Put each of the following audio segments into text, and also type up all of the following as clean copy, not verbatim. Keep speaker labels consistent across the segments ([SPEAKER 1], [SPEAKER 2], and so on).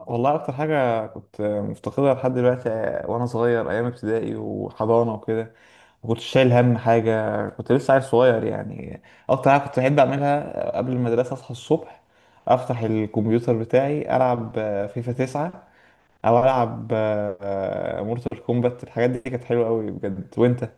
[SPEAKER 1] والله اكتر حاجه كنت مفتقدها لحد دلوقتي. وانا صغير ايام ابتدائي وحضانه وكده ما كنتش شايل هم حاجه، كنت لسه عيل صغير يعني. اكتر حاجه كنت بحب اعملها قبل المدرسه، اصحى الصبح، افتح الكمبيوتر بتاعي، العب فيفا 9 او العب مورتال كومبات. الحاجات دي كانت حلوه قوي بجد. وانت؟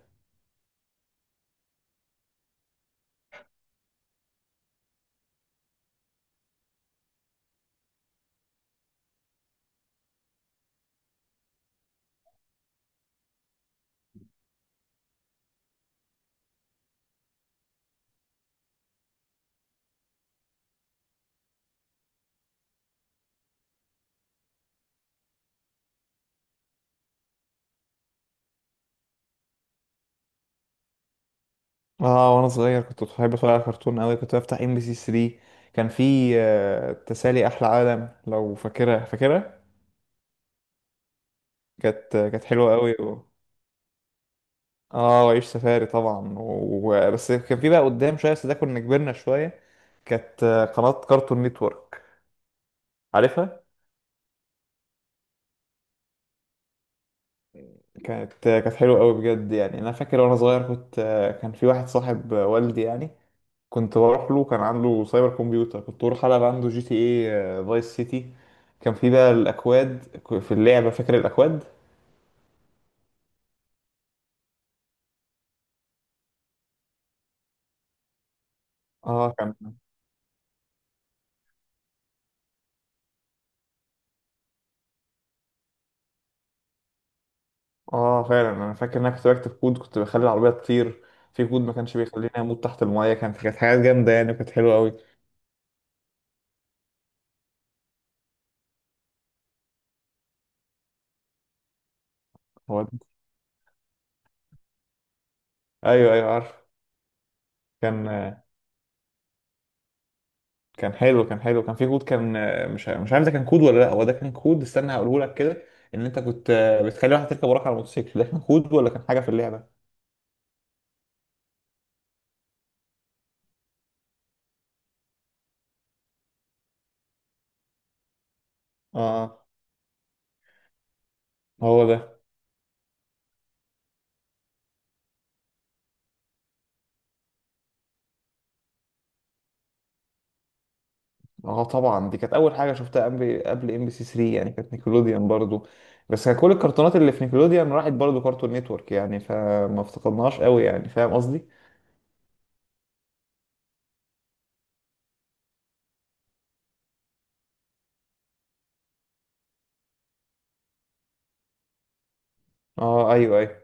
[SPEAKER 1] اه، وانا صغير كنت بحب اتفرج على كرتون قوي، كنت بفتح ام بي سي 3. كان في تسالي احلى عالم، لو فاكرها فاكرها. كانت حلوه قوي. اه وعيش سفاري طبعا بس كان في بقى قدام شويه، بس ده كنا كبرنا شويه. كانت قناه كارتون نتورك، عارفها. كانت حلوه قوي بجد يعني. انا فاكر وانا صغير كنت، كان في واحد صاحب والدي يعني، كنت بروح له، كان عنده سايبر كمبيوتر، كنت بروح العب عنده جي تي اي فايس سيتي. كان في بقى الاكواد في اللعبه، فاكر الاكواد. اه. كان اه فعلا انا فاكر ان انا كنت بكتب كود، كنت بخلي العربيه تطير. في كود ما كانش بيخليني اموت تحت المايه. كانت حاجات جامده يعني، وكانت حلوه قوي. هو ده. ايوه ايوه، عارف. كان كان حلو كان في كود مش عارف ده كان كود ولا لا، هو ده كان كود، استنى هقوله لك كده. ان انت كنت بتخلي واحد يركب وراك على الموتوسيكل، ده كان كود ولا كان حاجه في اللعبه؟ اه، هو ده. اه طبعا، دي كانت اول حاجه شفتها قبل ام بي سي 3 يعني، كانت نيكلوديان برضو. بس كان كل الكرتونات اللي في نيكلوديان راحت برضو كارتون نتورك يعني، فما افتقدناهاش قوي يعني، فاهم قصدي. اه ايوه ايوه.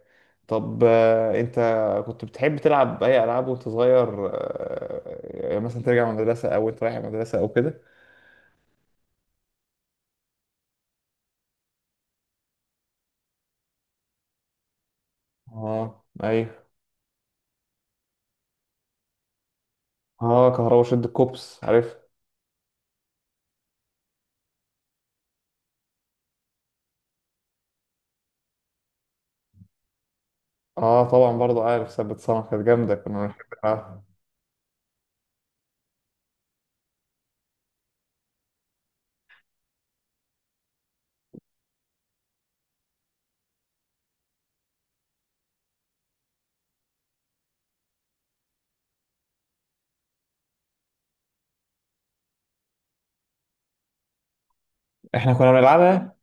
[SPEAKER 1] طب انت كنت بتحب تلعب اي العاب وانت صغير؟ يعني مثلا ترجع من المدرسه او انت رايح المدرسه او كده. اه ايوه. اه كهربا شد الكوبس، عارف. اه طبعا برضو عارف ثبت صنع، كانت جامده كنا بنحب نلعبها. احنا كنا بنلعبها.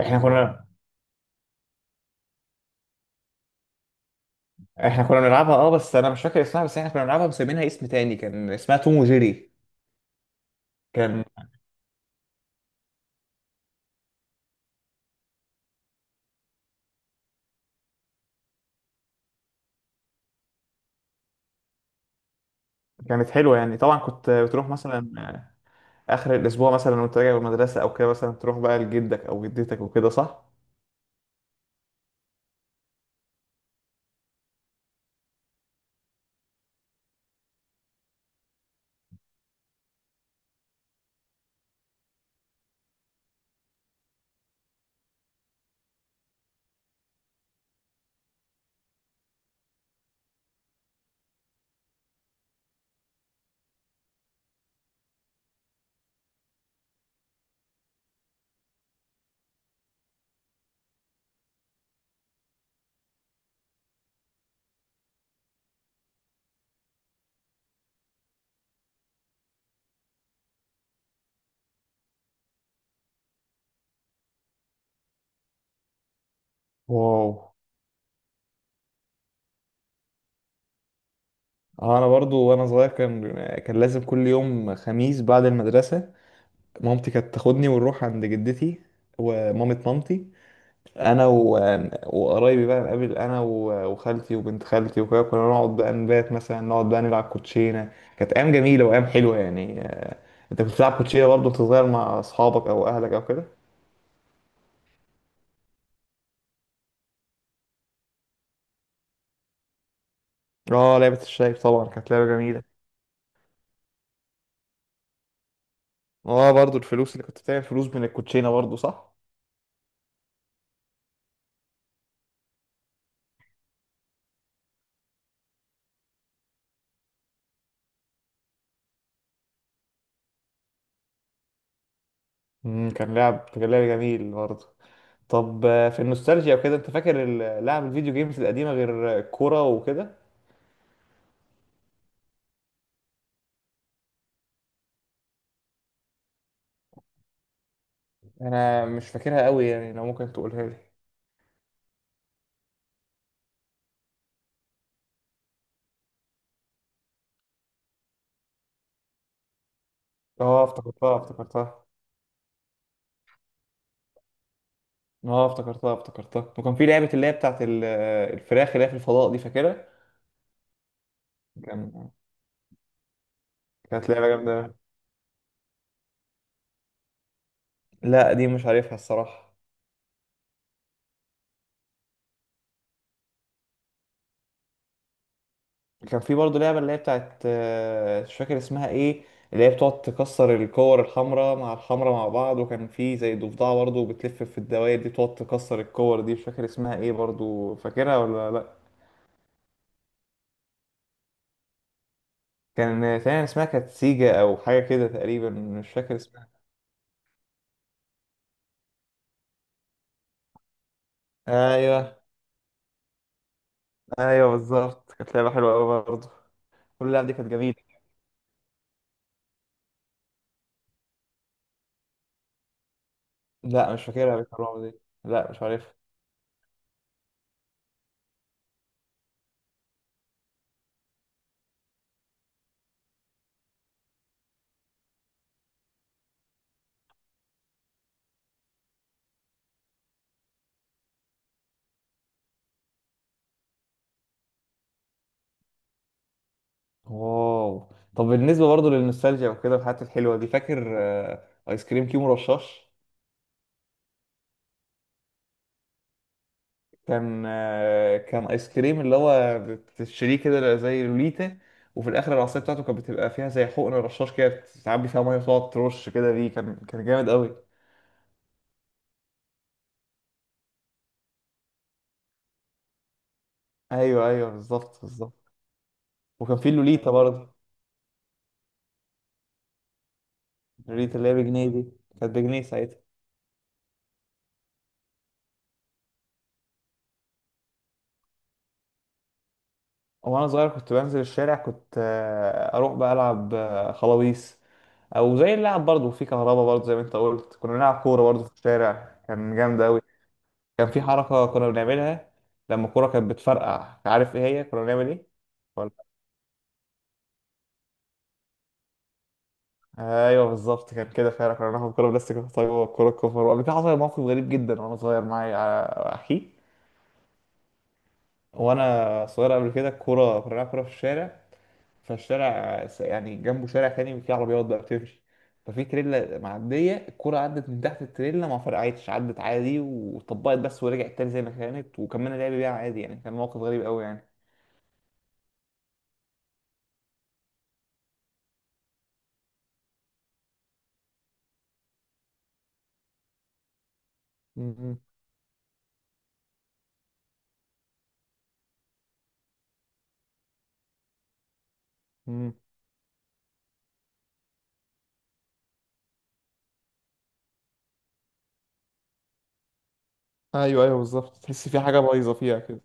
[SPEAKER 1] احنا كنا احنا كنا بنلعبها، اه بس انا مش فاكر اسمها، بس احنا كنا بنلعبها مسمينها اسم تاني، كان اسمها توم وجيري. كان كانت حلوه يعني. طبعا كنت بتروح مثلا اخر الاسبوع مثلا وانت راجع من المدرسه او كده، مثلا تروح بقى لجدك او جدتك وكده، صح؟ واو. انا برضو وانا صغير كان لازم كل يوم خميس بعد المدرسه مامتي كانت تاخدني ونروح عند جدتي ومامة مامتي. انا وقرايبي بقى نقابل، انا وخالتي وبنت خالتي وكده، كنا نقعد بقى نبات، مثلا نقعد بقى نلعب كوتشينه. كانت ايام جميله وايام حلوه يعني. انت كنت بتلعب كوتشينه برضو وانت صغير مع اصحابك او اهلك او كده؟ اه لعبه الشايب طبعا، كانت لعبه جميله. اه برضو الفلوس، اللي كنت بتعمل فلوس من الكوتشينه برضو، صح. امم، كان لعب جميل برضو. طب في النوستالجيا وكده، انت فاكر لعب الفيديو جيمز القديمه غير الكوره وكده؟ انا مش فاكرها قوي يعني، لو ممكن تقولها لي. اه افتكرتها افتكرتها. اه افتكرتها افتكرتها، وكان في لعبه اللي هي بتاعت الفراخ اللي هي في الفضاء، دي فاكرها؟ كان كانت لعبه جامده. لا دي مش عارفها الصراحه. كان في برضه لعبة اللي هي بتاعت، مش فاكر اسمها ايه، اللي هي بتقعد تكسر الكور الحمراء مع الحمراء مع بعض، وكان في زي ضفدعة برضه بتلف في الدوائر دي بتقعد تكسر الكور دي، مش فاكر اسمها ايه، برضه فاكرها ولا لا؟ كان تقريبا اسمها كانت سيجا او حاجة كده تقريبا، مش فاكر اسمها. ايوه ايوه بالظبط، كانت لعبة حلوة قوي برضه، كل اللعب دي كانت جميلة. لا مش فاكرها، بيت الرعب دي لا مش عارفها. واو. طب بالنسبة برضه للنوستالجيا وكده والحاجات الحلوة دي، فاكر ايس كريم كيمو رشاش؟ كان كان ايس كريم، اللي هو بتشتريه كده زي لوليتا، وفي الاخر العصايه بتاعته كانت بتبقى فيها زي حقن رشاش كده، بتعبي فيها ميه وتقعد ترش كده بيه، كان جامد قوي. ايوه ايوه بالظبط بالظبط. وكان في اللوليتا برضه، اللوليتا اللي هي بجنيه دي، كانت بجنيه ساعتها. وانا صغير كنت بنزل الشارع، كنت اروح بقى العب خلاويص، او زي اللعب برضه في كهربا. برضه زي ما انت قلت كنا بنلعب كوره برضه في الشارع، كان جامد قوي. كان في حركة كنا بنعملها لما الكورة كانت بتفرقع، عارف ايه هي كنا بنعمل ايه؟ ولا. ايوه بالظبط كان كده فعلا، كنا بناخد كورة بلاستيك ونحطها جوه الكورة الكفر. وقبل كده حصل موقف غريب جدا وانا صغير، معايا على اخي. وانا صغير قبل كده الكورة كنا بنلعب كورة في الشارع، فالشارع يعني جنبه شارع تاني فيه عربيات بقى بتمشي، ففي تريلا معدية، الكورة عدت من تحت التريلا ما فرقعتش، عدت عادي وطبقت بس ورجعت تاني زي ما كانت وكملنا لعب بيها عادي يعني، كان موقف غريب قوي يعني. مم. ايوه ايوه بالظبط، تحس في حاجه بايظه فيها كده.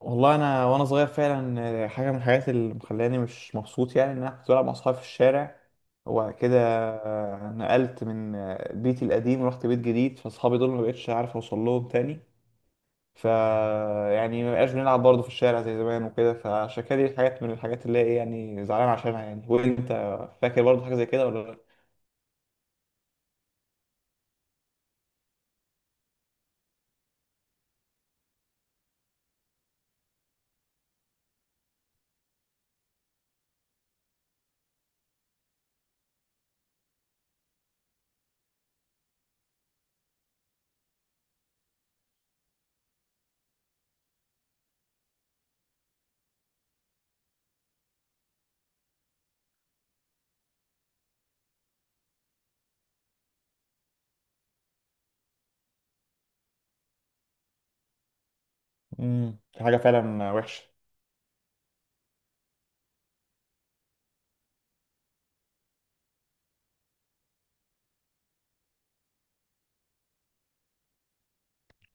[SPEAKER 1] والله انا وانا صغير فعلا حاجه من الحاجات اللي مخلاني مش مبسوط يعني، ان انا كنت بلعب مع اصحابي في الشارع، وبعد كده نقلت من بيتي القديم ورحت بيت جديد، فاصحابي دول ما بقتش عارف اوصل لهم تاني، ف يعني ما بقاش بنلعب برضه في الشارع زي زمان وكده. فعشان كده دي حاجات من الحاجات اللي هي إيه، يعني زعلان عشانها يعني. وانت فاكر برضه حاجه زي كده ولا لا؟ حاجه فعلا وحشه.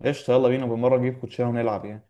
[SPEAKER 1] قشطه، يلا بينا، بالمره نجيب كوتشينه ونلعب يعني.